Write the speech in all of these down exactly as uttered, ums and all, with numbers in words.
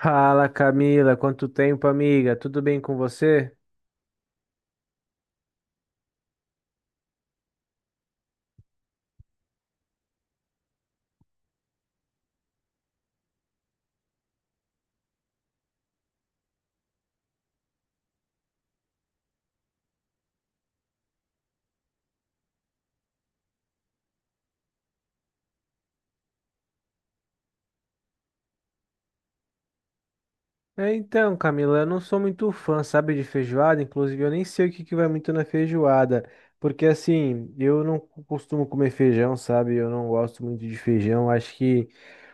Fala, Camila, quanto tempo, amiga? Tudo bem com você? É, então, Camila, eu não sou muito fã, sabe, de feijoada. Inclusive, eu nem sei o que que vai muito na feijoada. Porque, assim, eu não costumo comer feijão, sabe? Eu não gosto muito de feijão. Acho que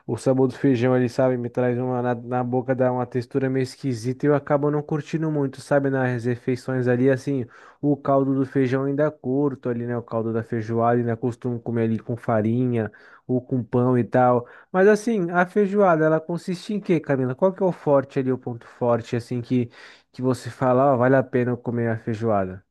o sabor do feijão ele sabe? Me traz uma, na, na boca dá uma textura meio esquisita e eu acabo não curtindo muito, sabe? Nas refeições ali, assim, o caldo do feijão ainda curto ali, né? O caldo da feijoada, ainda costumo comer ali com farinha ou com pão e tal. Mas assim, a feijoada, ela consiste em quê, Camila? Qual que é o forte ali, o ponto forte, assim, que, que você fala, ó, vale a pena eu comer a feijoada?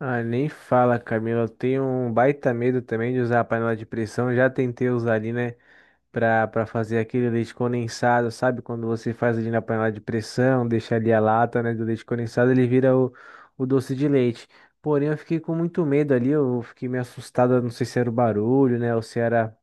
Ah, nem fala, Camila. Eu tenho um baita medo também de usar a panela de pressão. Já tentei usar ali, né? para para fazer aquele leite condensado, sabe? Quando você faz ali na panela de pressão, deixa ali a lata, né, do leite condensado, ele vira o, o doce de leite. Porém, eu fiquei com muito medo ali, eu fiquei meio assustada, não sei se era o barulho, né, ou se era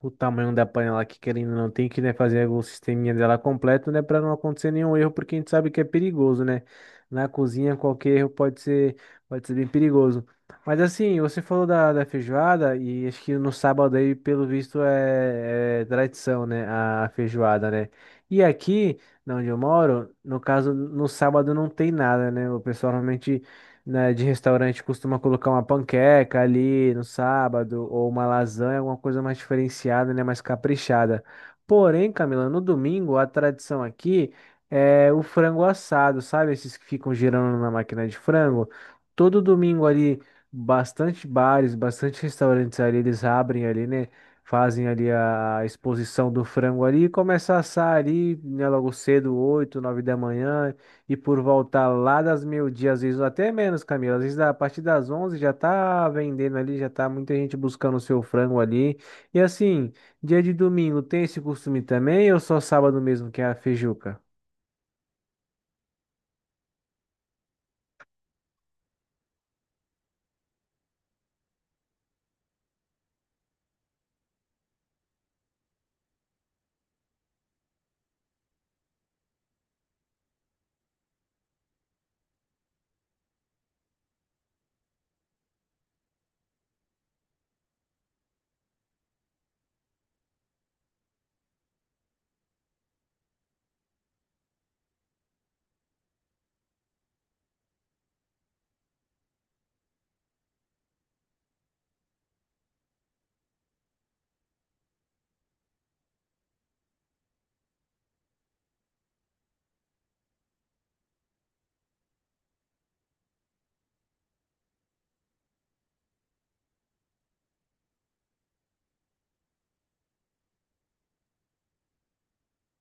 o tamanho da panela que querendo ou não tem que, né, fazer o sisteminha dela completo, né, para não acontecer nenhum erro, porque a gente sabe que é perigoso, né? Na cozinha qualquer erro pode ser pode ser bem perigoso. Mas assim, você falou da, da feijoada e acho que no sábado aí, pelo visto, é, é tradição, né, a feijoada, né? E aqui, na onde eu moro, no caso, no sábado não tem nada, né? O pessoal normalmente né, de restaurante costuma colocar uma panqueca ali no sábado, ou uma lasanha, alguma coisa mais diferenciada, né, mais caprichada. Porém, Camila, no domingo a tradição aqui é o frango assado, sabe? Esses que ficam girando na máquina de frango. Todo domingo ali, bastante bares, bastante restaurantes ali, eles abrem ali, né? Fazem ali a exposição do frango ali e começa a assar ali, né, logo cedo, oito nove da manhã. E por voltar lá das meio-dia, às vezes até menos, Camila. Às vezes a partir das onze já tá vendendo ali, já tá muita gente buscando o seu frango ali. E assim, dia de domingo tem esse costume também ou só sábado mesmo que é a feijuca?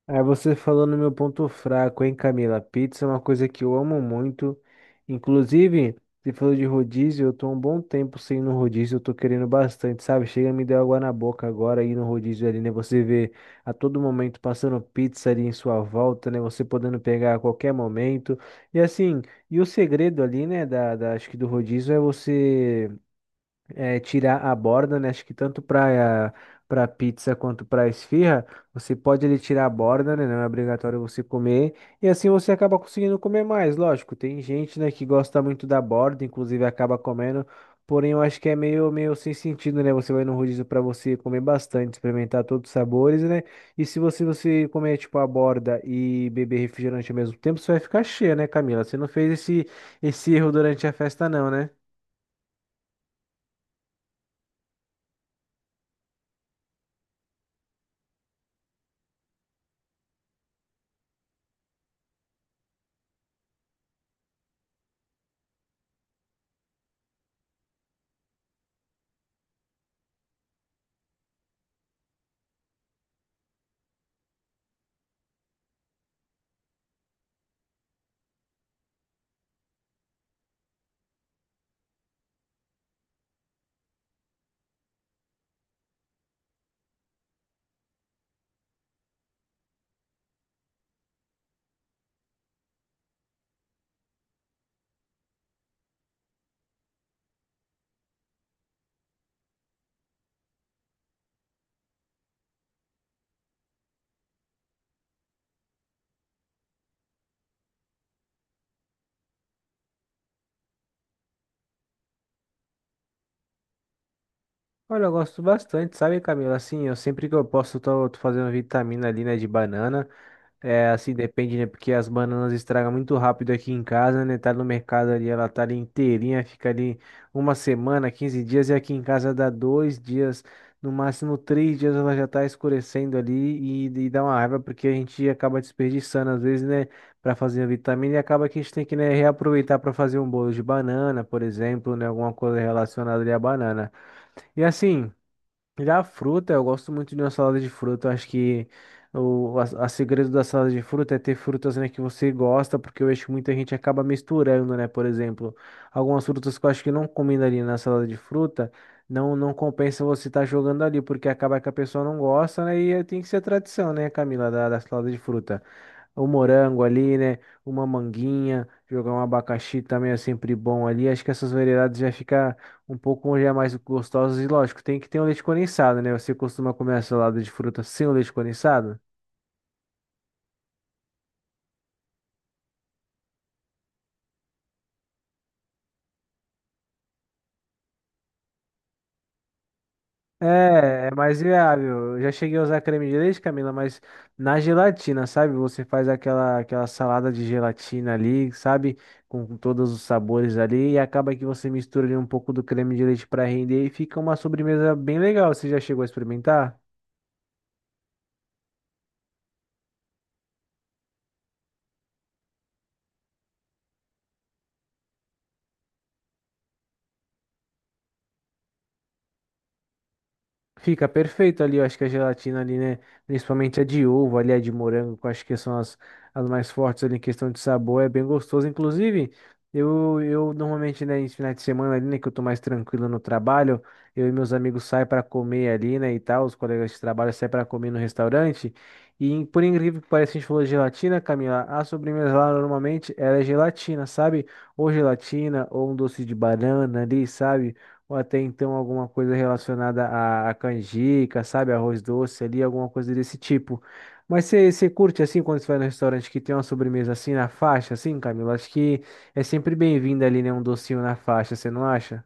Aí você falou no meu ponto fraco, hein, Camila? Pizza é uma coisa que eu amo muito. Inclusive, você falou de rodízio, eu tô há um bom tempo sem ir no rodízio, eu tô querendo bastante, sabe? Chega, me deu água na boca agora ir no rodízio ali, né? Você vê a todo momento passando pizza ali em sua volta, né? Você podendo pegar a qualquer momento. E assim, e o segredo ali, né, da, da, acho que do rodízio é você é, tirar a borda, né? Acho que tanto para para pizza quanto para esfirra, você pode ele tirar a borda, né? Não é obrigatório você comer. E assim você acaba conseguindo comer mais, lógico. Tem gente, né, que gosta muito da borda, inclusive acaba comendo. Porém, eu acho que é meio, meio sem sentido, né? Você vai no rodízio para você comer bastante, experimentar todos os sabores, né? E se você, você comer, tipo, a borda e beber refrigerante ao mesmo tempo, você vai ficar cheia, né, Camila? Você não fez esse, esse erro durante a festa, não, né? Olha, eu gosto bastante, sabe, Camila? Assim, eu sempre que eu posso, tô, tô fazendo vitamina ali, né, de banana. É, assim, depende, né, porque as bananas estragam muito rápido aqui em casa, né? Tá no mercado ali, ela tá ali inteirinha, fica ali uma semana, quinze dias, e aqui em casa dá dois dias, no máximo três dias ela já tá escurecendo ali e, e dá uma raiva, porque a gente acaba desperdiçando, às vezes, né, para fazer a vitamina e acaba que a gente tem que, né, reaproveitar para fazer um bolo de banana, por exemplo, né, alguma coisa relacionada ali à banana. E assim. Já a fruta, eu gosto muito de uma salada de fruta. Eu acho que o a, a segredo da salada de fruta é ter frutas, né, que você gosta, porque eu acho que muita gente acaba misturando, né? Por exemplo, algumas frutas que eu acho que não combina ali na salada de fruta, não não compensa você estar jogando ali, porque acaba que a pessoa não gosta, né? E tem que ser tradição, né, Camila, da, da salada de fruta. O morango ali, né? Uma manguinha, jogar um abacaxi também é sempre bom ali. Acho que essas variedades já fica um pouco já mais gostosos e lógico, tem que ter um leite condensado, né? Você costuma comer a salada de fruta sem o leite condensado? É, é mais viável. Eu já cheguei a usar creme de leite, Camila, mas na gelatina, sabe? Você faz aquela, aquela salada de gelatina ali, sabe? Com, com todos os sabores ali, e acaba que você mistura ali um pouco do creme de leite para render e fica uma sobremesa bem legal. Você já chegou a experimentar? Fica perfeito ali, eu acho que a gelatina ali, né? Principalmente a de ovo, ali a de morango, que eu acho que são as, as mais fortes ali em questão de sabor, é bem gostoso. Inclusive, eu, eu normalmente, né, em finais de semana ali, né, que eu tô mais tranquilo no trabalho, eu e meus amigos saem para comer ali, né, e tal, os colegas de trabalho saem para comer no restaurante. E em- por incrível que pareça, a gente falou de gelatina, Camila, a sobremesa lá normalmente ela é gelatina, sabe? Ou gelatina, ou um doce de banana ali, sabe? Ou até então alguma coisa relacionada à, à canjica, sabe? Arroz doce ali, alguma coisa desse tipo. Mas você você curte assim quando você vai no restaurante que tem uma sobremesa assim na faixa, assim, Camila? Acho que é sempre bem-vindo ali, né? Um docinho na faixa, você não acha?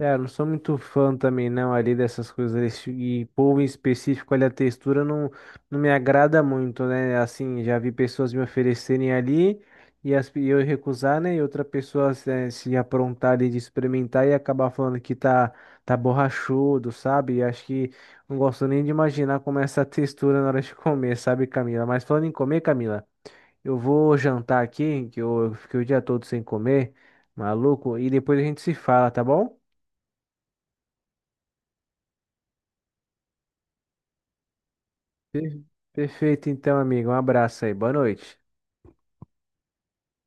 É, eu não sou muito fã também, não, ali dessas coisas. Desse- e polvo em específico, ali a textura não, não me agrada muito, né? Assim, já vi pessoas me oferecerem ali e, as, e eu recusar, né? E outra pessoa se, se aprontar ali de experimentar e acabar falando que tá, tá borrachudo, sabe? E acho que não gosto nem de imaginar como é essa textura na hora de comer, sabe, Camila? Mas falando em comer, Camila, eu vou jantar aqui, que eu, eu fiquei o dia todo sem comer, maluco, e depois a gente se fala, tá bom? Per- Perfeito, então, amigo. Um abraço aí. Boa noite.